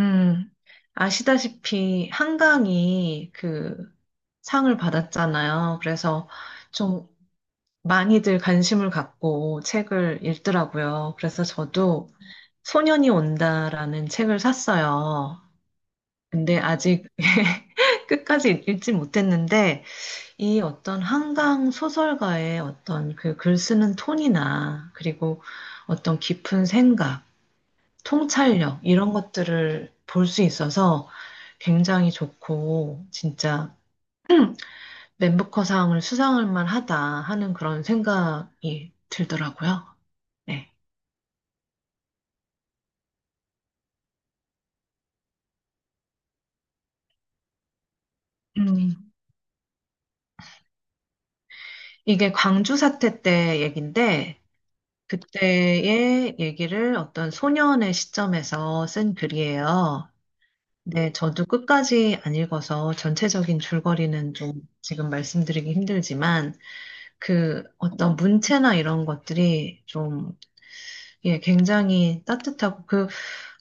음, 아시다시피 한강이 상을 받았잖아요. 그래서 좀 많이들 관심을 갖고 책을 읽더라고요. 그래서 저도 소년이 온다라는 책을 샀어요. 근데 아직 끝까지 읽지 못했는데 이 어떤 한강 소설가의 어떤 그 글 쓰는 톤이나 그리고 어떤 깊은 생각 통찰력 이런 것들을 볼 수 있어서 굉장히 좋고 진짜 맨부커상을 수상할 만하다 하는 그런 생각이 들더라고요. 네. 음, 이게 광주 사태 때 얘긴데 그때의 얘기를 어떤 소년의 시점에서 쓴 글이에요. 네, 저도 끝까지 안 읽어서 전체적인 줄거리는 좀 지금 말씀드리기 힘들지만 그 어떤 문체나 이런 것들이 좀 예, 굉장히 따뜻하고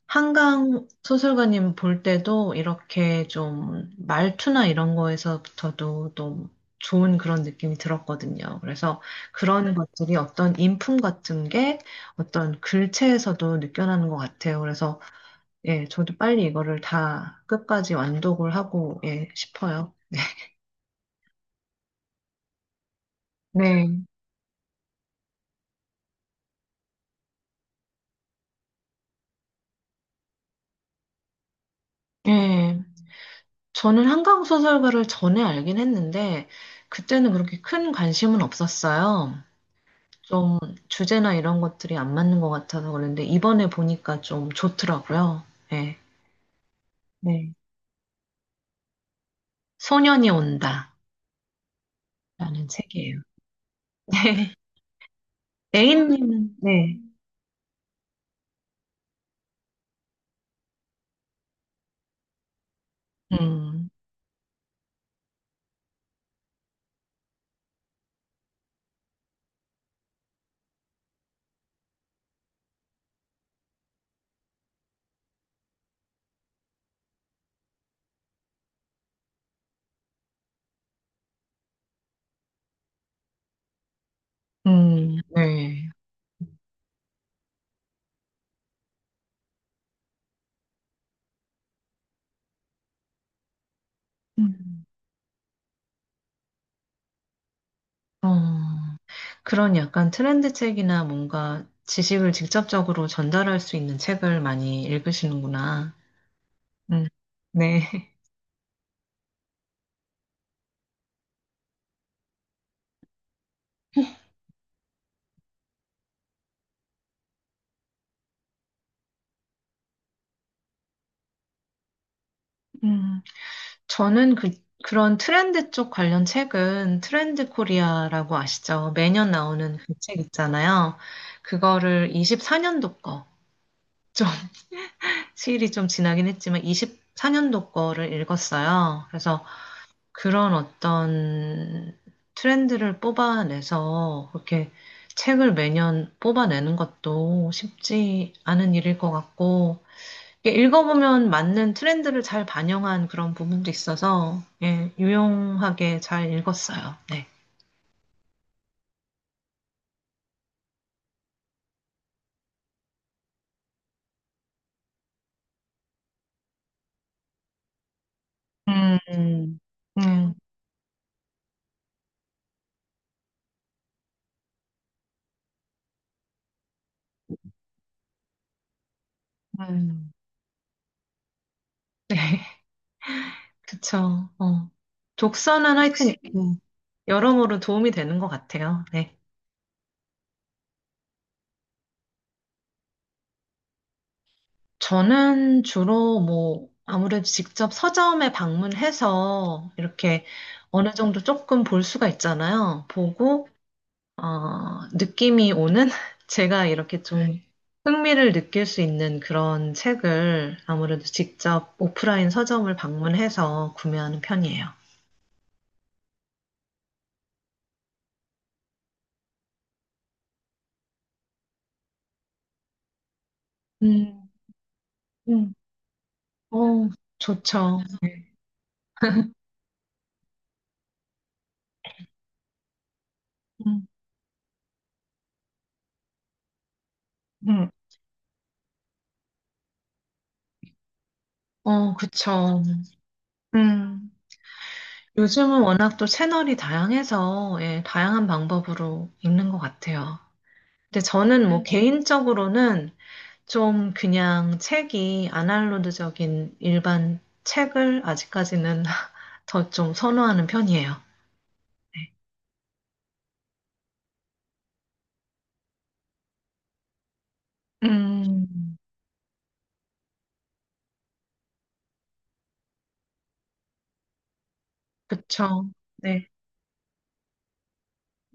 한강 소설가님 볼 때도 이렇게 좀 말투나 이런 거에서부터도 또 좋은 그런 느낌이 들었거든요. 그래서 그런 것들이 어떤 인품 같은 게 어떤 글체에서도 느껴나는 것 같아요. 그래서 예, 저도 빨리 이거를 다 끝까지 완독을 하고 예, 싶어요. 네. 예. 저는 한강 소설가를 전에 알긴 했는데 그때는 그렇게 큰 관심은 없었어요. 좀 주제나 이런 것들이 안 맞는 것 같아서 그런데 이번에 보니까 좀 좋더라고요. 네. 네. 소년이 온다. 라는 책이에요. 네. A님은, 네. 음, 네. 음. 어, 그런 약간 트렌드 책이나 뭔가 지식을 직접적으로 전달할 수 있는 책을 많이 읽으시는구나. 음, 네. 음. 저는 그런 트렌드 쪽 관련 책은 트렌드 코리아라고 아시죠? 매년 나오는 그 책 있잖아요. 그거를 24년도 거, 좀, 시일이 좀 지나긴 했지만 24년도 거를 읽었어요. 그래서 그런 어떤 트렌드를 뽑아내서 그렇게 책을 매년 뽑아내는 것도 쉽지 않은 일일 것 같고, 이게 읽어보면 맞는 트렌드를 잘 반영한 그런 부분도 있어서, 예, 유용하게 잘 읽었어요. 네. 음, 음, 음. 네. 그쵸. 어. 독서는 하여튼 여러모로 도움이 되는 것 같아요. 네. 저는 주로 뭐, 아무래도 직접 서점에 방문해서 이렇게 어느 정도 조금 볼 수가 있잖아요. 보고, 느낌이 오는 제가 이렇게 좀 네. 흥미를 느낄 수 있는 그런 책을 아무래도 직접 오프라인 서점을 방문해서 구매하는 편이에요. 음, 음, 어, 좋죠. 네. 음, 음, 어, 그쵸. 음, 요즘은 워낙 또 채널이 다양해서 예, 다양한 방법으로 읽는 것 같아요. 근데 저는 뭐 개인적으로는 좀 그냥 책이 아날로그적인 일반 책을 아직까지는 더 좀 선호하는 편이에요. 네. 음, 그쵸. 네.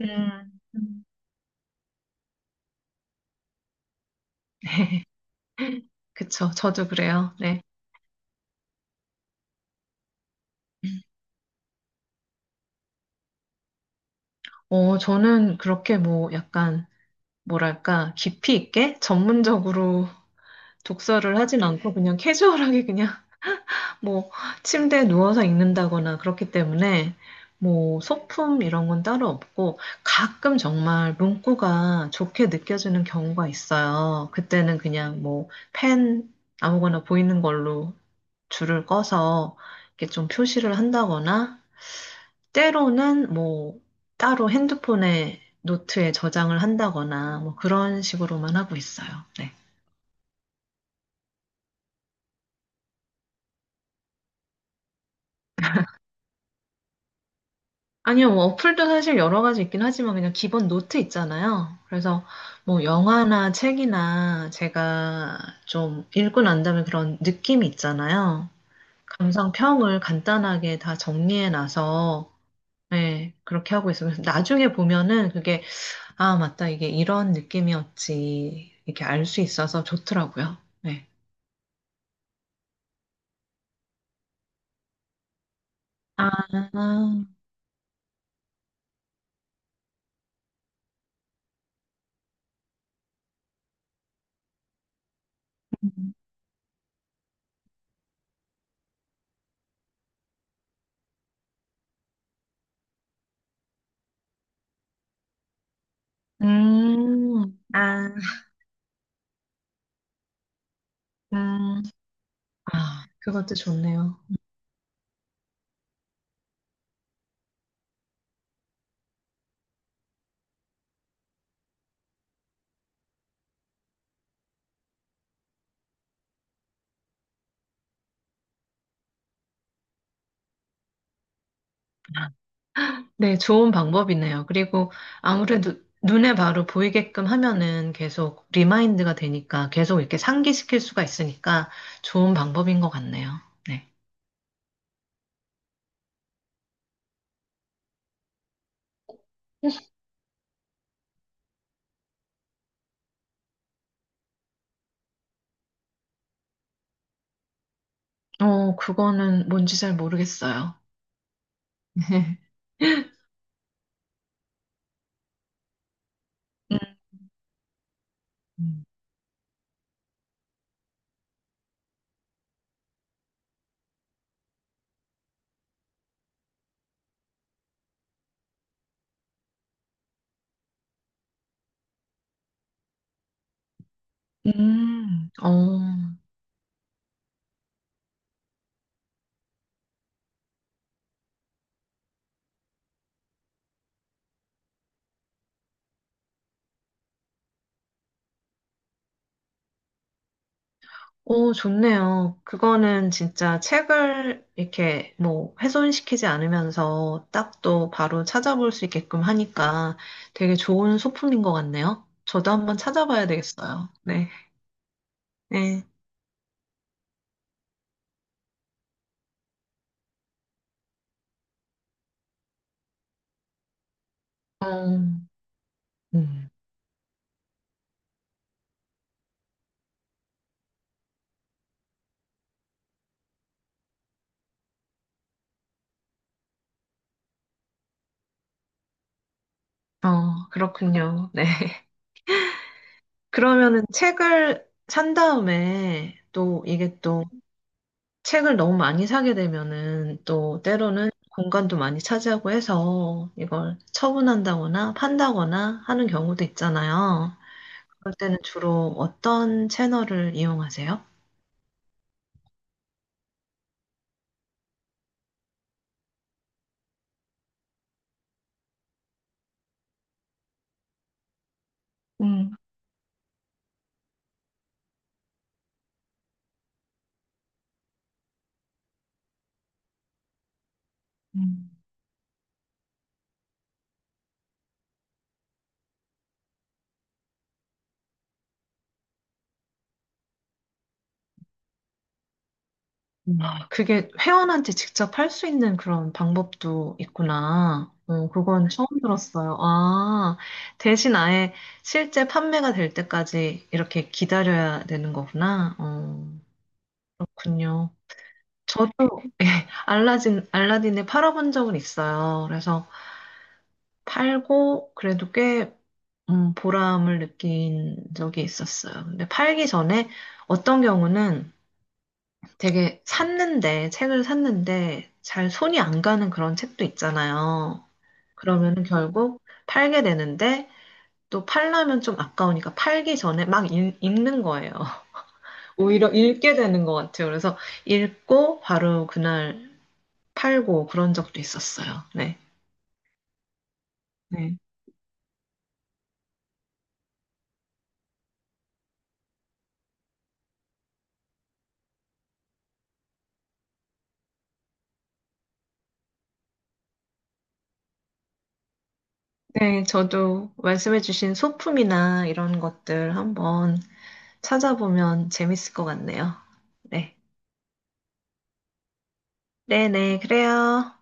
음, 음. 네. 그쵸. 저도 그래요. 네. 저는 그렇게 뭐 약간, 뭐랄까, 깊이 있게 전문적으로 독서를 하진 않고 그냥 캐주얼하게 그냥 뭐 침대에 누워서 읽는다거나 그렇기 때문에 뭐 소품 이런 건 따로 없고 가끔 정말 문구가 좋게 느껴지는 경우가 있어요. 그때는 그냥 뭐 펜 아무거나 보이는 걸로 줄을 꺼서 이렇게 좀 표시를 한다거나 때로는 뭐 따로 핸드폰에 노트에 저장을 한다거나 뭐 그런 식으로만 하고 있어요. 네. 아니요, 뭐 어플도 사실 여러 가지 있긴 하지만 그냥 기본 노트 있잖아요. 그래서 뭐 영화나 책이나 제가 좀 읽고 난 다음에 그런 느낌이 있잖아요. 감상평을 간단하게 다 정리해 놔서 네, 그렇게 하고 있어요. 그래서 나중에 보면은 그게 아, 맞다. 이게 이런 느낌이었지. 이렇게 알 수 있어서 좋더라고요. 네. 아, 아, 음, 아, 그것도 좋네요. 네, 좋은 방법이네요. 그리고 아무래도 눈에 바로 보이게끔 하면은 계속 리마인드가 되니까 계속 이렇게 상기시킬 수가 있으니까 좋은 방법인 것 같네요. 네. 어, 그거는 뭔지 잘 모르겠어요. 음, 어. 오, 좋네요. 그거는 진짜 책을 이렇게 뭐 훼손시키지 않으면서 딱 또 바로 찾아볼 수 있게끔 하니까 되게 좋은 소품인 것 같네요. 저도 한번 찾아봐야 되겠어요. 네. 네. 어, 음. 어, 그렇군요. 네. 그러면은 책을 산 다음에 또 이게 또 책을 너무 많이 사게 되면은 또 때로는 공간도 많이 차지하고 해서 이걸 처분한다거나 판다거나 하는 경우도 있잖아요. 그럴 때는 주로 어떤 채널을 이용하세요? 음, 음. 음. 아, 그게 회원한테 직접 할 수 있는 그런 방법도 있구나. 어, 그건 처음 들었어요. 아, 대신 아예 실제 판매가 될 때까지 이렇게 기다려야 되는 거구나. 어, 그렇군요. 저도 예, 알라딘을 팔아본 적은 있어요. 그래서 팔고 그래도 꽤 보람을 느낀 적이 있었어요. 근데 팔기 전에 어떤 경우는 책을 샀는데 잘 손이 안 가는 그런 책도 있잖아요. 그러면 결국 팔게 되는데 또 팔려면 좀 아까우니까 팔기 전에 막 읽는 거예요. 오히려 읽게 되는 것 같아요. 그래서 읽고 바로 그날 팔고 그런 적도 있었어요. 네. 네. 네, 저도 말씀해주신 소품이나 이런 것들 한번 찾아보면 재밌을 것 같네요. 네. 네네, 그래요.